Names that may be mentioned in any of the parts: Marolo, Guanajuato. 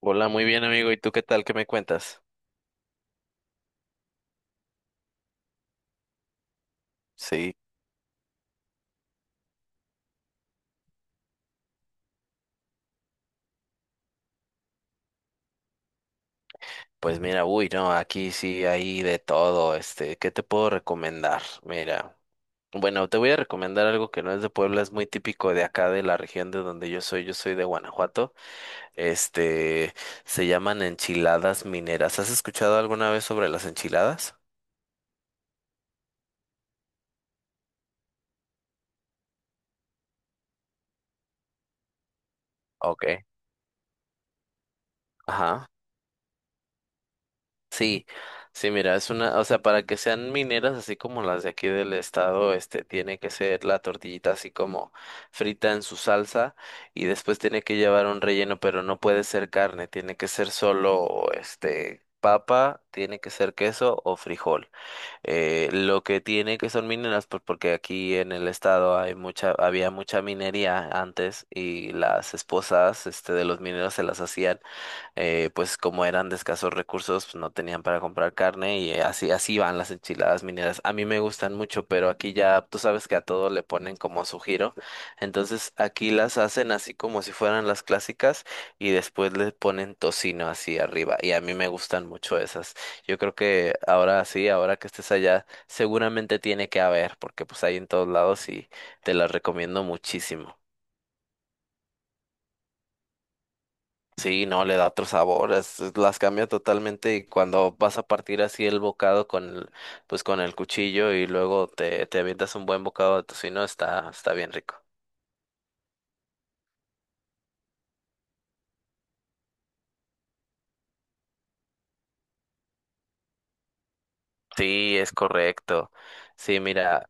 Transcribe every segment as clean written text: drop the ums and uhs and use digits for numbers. Hola, muy bien amigo. ¿Y tú qué tal? ¿Qué me cuentas? Sí, pues mira, uy, no, aquí sí hay de todo. ¿Qué te puedo recomendar? Mira, bueno, te voy a recomendar algo que no es de Puebla, es muy típico de acá, de la región de donde yo soy. Yo soy de Guanajuato. Este, Se llaman enchiladas mineras. ¿Has escuchado alguna vez sobre las enchiladas? Ok. Ajá. Sí, sí, mira, es una, o sea, para que sean mineras así como las de aquí del estado, tiene que ser la tortillita así como frita en su salsa y después tiene que llevar un relleno, pero no puede ser carne, tiene que ser solo, papa, tiene que ser queso o frijol. Lo que tiene que son mineras, pues porque aquí en el estado hay había mucha minería antes y las esposas, de los mineros se las hacían pues como eran de escasos recursos, pues no tenían para comprar carne y así, así van las enchiladas mineras. A mí me gustan mucho, pero aquí ya tú sabes que a todo le ponen como su giro. Entonces aquí las hacen así como si fueran las clásicas y después le ponen tocino así arriba. Y a mí me gustan mucho esas. Yo creo que ahora sí, ahora que estés allá, seguramente tiene que haber, porque pues hay en todos lados y te las recomiendo muchísimo. Sí, no, le da otro sabor, las cambia totalmente y cuando vas a partir así el bocado con el, pues con el cuchillo y luego te avientas un buen bocado de tocino, está bien rico. Sí, es correcto. Sí, mira,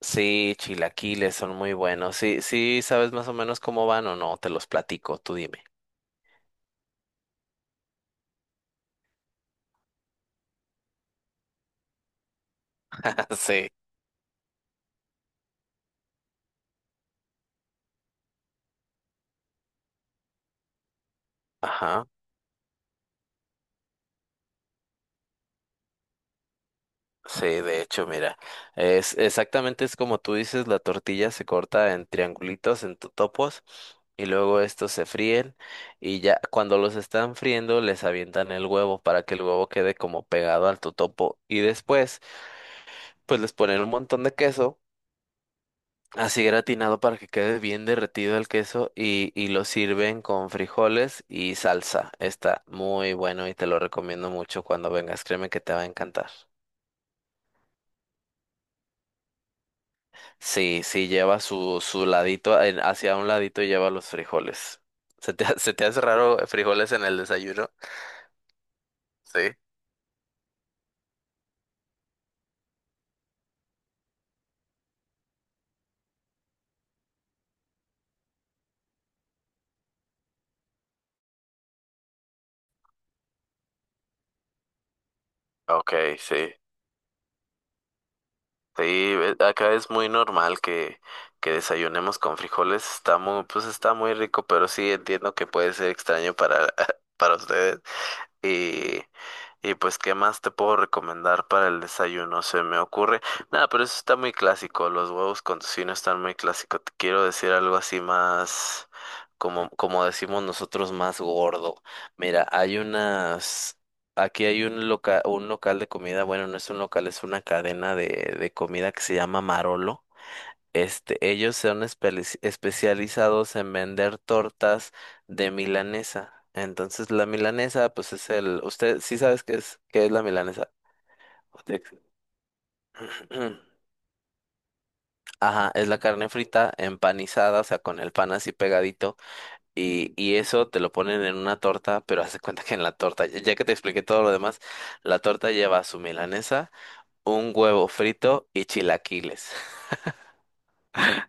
sí, chilaquiles son muy buenos. Sí, sí, ¿sabes más o menos cómo van o no? Te los platico, tú dime. Sí. Ajá. Sí, de hecho, mira, es como tú dices, la tortilla se corta en triangulitos, en topos, y luego estos se fríen, y ya cuando los están friendo les avientan el huevo para que el huevo quede como pegado al totopo, y después pues les ponen un montón de queso, así gratinado para que quede bien derretido el queso, y lo sirven con frijoles y salsa. Está muy bueno y te lo recomiendo mucho cuando vengas, créeme que te va a encantar. Sí, sí, lleva su ladito, hacia un ladito lleva los frijoles. Se te hace raro frijoles en el desayuno? Sí. Ok, sí. Sí, acá es muy normal que desayunemos con frijoles. Pues está muy rico, pero sí entiendo que puede ser extraño para, para ustedes. Y pues, ¿qué más te puedo recomendar para el desayuno? Se me ocurre. Nada, pero eso está muy clásico. Los huevos con tocino están muy clásicos. Te quiero decir algo así más, como decimos nosotros, más gordo. Mira, hay unas. Aquí hay un local de comida. Bueno, no es un local, es una cadena de comida que se llama Marolo. Ellos son especializados en vender tortas de milanesa. Entonces, la milanesa, pues es usted sí sabes qué es la milanesa. O te- Ajá, es la carne frita empanizada, o sea, con el pan así pegadito. Y eso te lo ponen en una torta, pero haz de cuenta que en la torta, ya que te expliqué todo lo demás, la torta lleva su milanesa, un huevo frito y chilaquiles.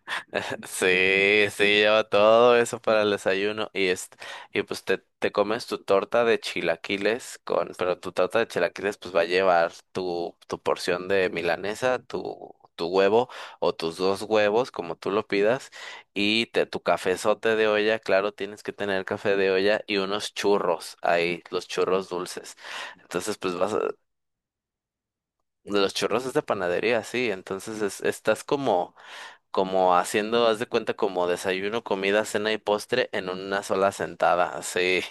Sí, sí, lleva todo eso para el desayuno y y pues te comes tu torta de chilaquiles pero tu torta de chilaquiles pues va a llevar tu porción de milanesa, tu huevo o tus dos huevos, como tú lo pidas, y tu cafezote de olla, claro, tienes que tener café de olla y unos churros ahí, los churros dulces. Entonces, pues los churros es de panadería, sí, entonces estás como haciendo, haz de cuenta, como desayuno, comida, cena y postre en una sola sentada. Sí,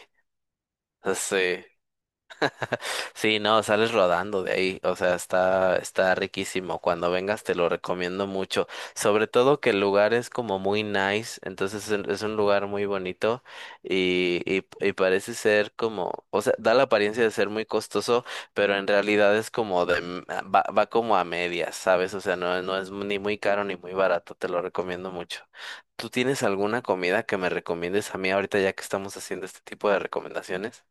sí. Sí, no, sales rodando de ahí, o sea, está riquísimo. Cuando vengas te lo recomiendo mucho, sobre todo que el lugar es como muy nice, entonces es un lugar muy bonito y parece ser como, o sea, da la apariencia de ser muy costoso, pero en realidad es como va como a medias, ¿sabes? O sea, no, no es ni muy caro ni muy barato, te lo recomiendo mucho. ¿Tú tienes alguna comida que me recomiendes a mí ahorita ya que estamos haciendo este tipo de recomendaciones?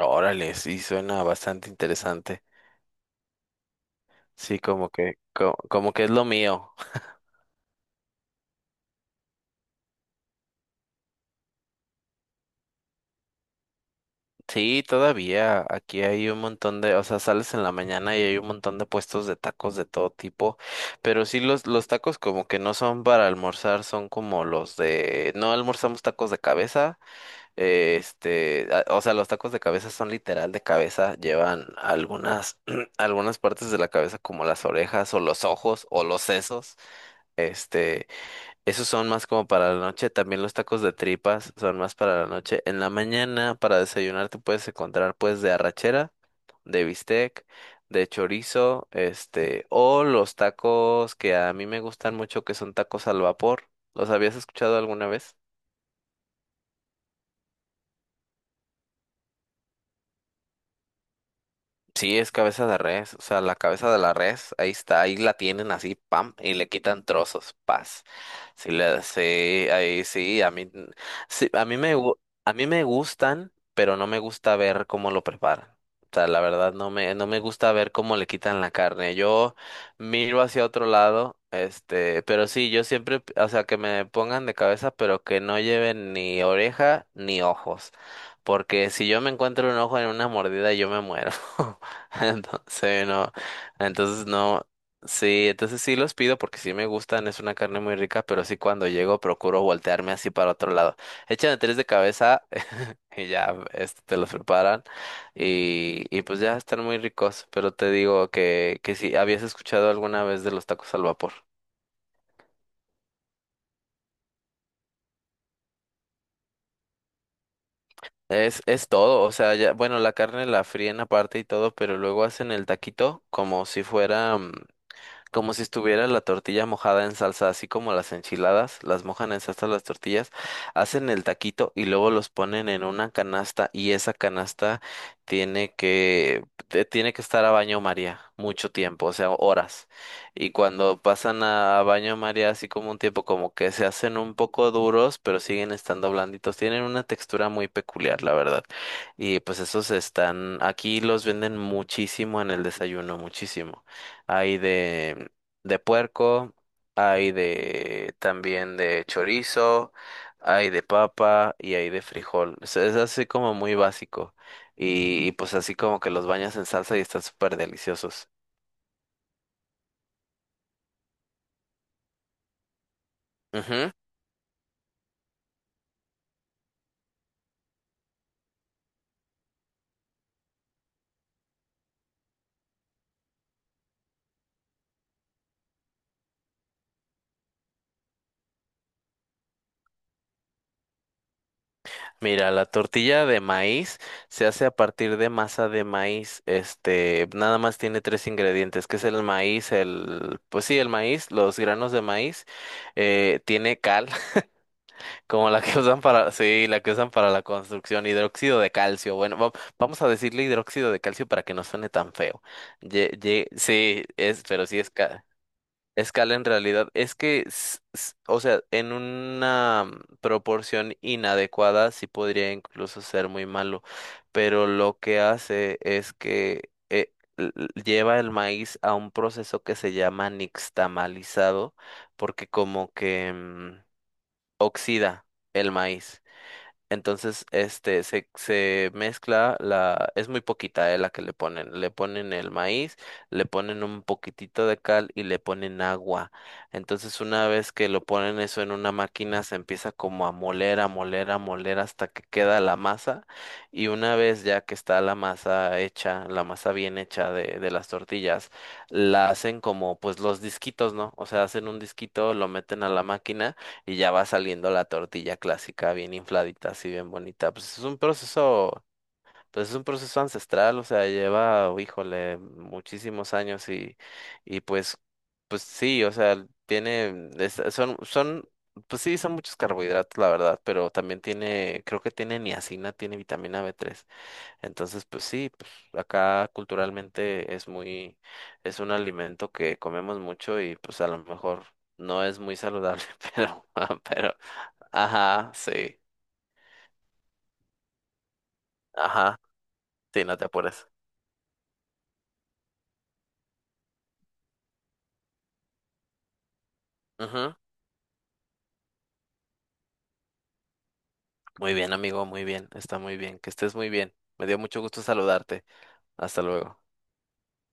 Órale, sí, suena bastante interesante. Sí, como, que es lo mío. Sí, todavía aquí hay un montón de, o sea, sales en la mañana y hay un montón de puestos de tacos de todo tipo, pero sí los tacos como que no son para almorzar, son como los de, no almorzamos tacos de cabeza, o sea, los tacos de cabeza son literal de cabeza, llevan algunas, algunas partes de la cabeza como las orejas o los ojos o los sesos. Este, Esos son más como para la noche. También los tacos de tripas son más para la noche. En la mañana, para desayunar, te puedes encontrar pues de arrachera, de bistec, de chorizo, o los tacos que a mí me gustan mucho, que son tacos al vapor. ¿Los habías escuchado alguna vez? Sí, es cabeza de res, o sea, la cabeza de la res, ahí está, ahí la tienen así, pam, y le quitan trozos, paz. Sí, ahí sí, sí, a mí me, gu- a mí me gustan, pero no me gusta ver cómo lo preparan. O sea, la verdad no me gusta ver cómo le quitan la carne. Yo miro hacia otro lado, pero sí, yo siempre, o sea, que me pongan de cabeza, pero que no lleven ni oreja ni ojos, porque si yo me encuentro un ojo en una mordida, yo me muero. Entonces, no, entonces no, sí, entonces sí los pido porque sí me gustan, es una carne muy rica, pero sí cuando llego procuro voltearme así para otro lado. Echan tres de cabeza y ya te los preparan y pues ya están muy ricos, pero te digo que si habías escuchado alguna vez de los tacos al vapor. Es todo, o sea, ya, bueno, la carne la fríen aparte y todo, pero luego hacen el taquito como si estuviera la tortilla mojada en salsa, así como las enchiladas, las mojan en salsa las tortillas, hacen el taquito y luego los ponen en una canasta y esa canasta tiene que estar a baño María mucho tiempo, o sea, horas. Y cuando pasan a baño María así como un tiempo como que se hacen un poco duros, pero siguen estando blanditos, tienen una textura muy peculiar, la verdad. Y pues esos están aquí los venden muchísimo en el desayuno, muchísimo hay de puerco, hay de también de chorizo, hay de papa y hay de frijol. O sea, es así como muy básico. Y pues así como que los bañas en salsa y están súper deliciosos. Ujú. Mira, la tortilla de maíz se hace a partir de masa de maíz. Nada más tiene tres ingredientes, que es el maíz, pues sí, el maíz, los granos de maíz, tiene cal, como la que usan para, sí, la que usan para la construcción, hidróxido de calcio. Bueno, vamos a decirle hidróxido de calcio para que no suene tan feo. Sí, es, pero sí es cal. Es cal en realidad. Es que, s- s- o sea, en una proporción inadecuada sí podría incluso ser muy malo, pero lo que hace es que lleva el maíz a un proceso que se llama nixtamalizado, porque oxida el maíz. Entonces, se mezcla es muy poquita, la que le ponen. Le ponen el maíz, le ponen un poquitito de cal y le ponen agua. Entonces, una vez que lo ponen eso en una máquina, se empieza como a moler, a moler, a moler hasta que queda la masa. Y una vez ya que está la masa hecha, la masa bien hecha de las tortillas, la hacen como pues los disquitos, ¿no? O sea, hacen un disquito, lo meten a la máquina y ya va saliendo la tortilla clásica bien infladita, así bien bonita. Pues es un proceso ancestral, o sea, lleva, híjole, muchísimos años y pues, pues sí, o sea, son, pues sí, son muchos carbohidratos, la verdad, pero también tiene, creo que tiene niacina, tiene vitamina B3. Entonces, pues sí, pues acá culturalmente es un alimento que comemos mucho y pues a lo mejor no es muy saludable, pero, pero ajá, sí, ajá, sí, no te apures. Ujú. Muy bien, amigo, muy bien, está muy bien, que estés muy bien. Me dio mucho gusto saludarte. Hasta luego.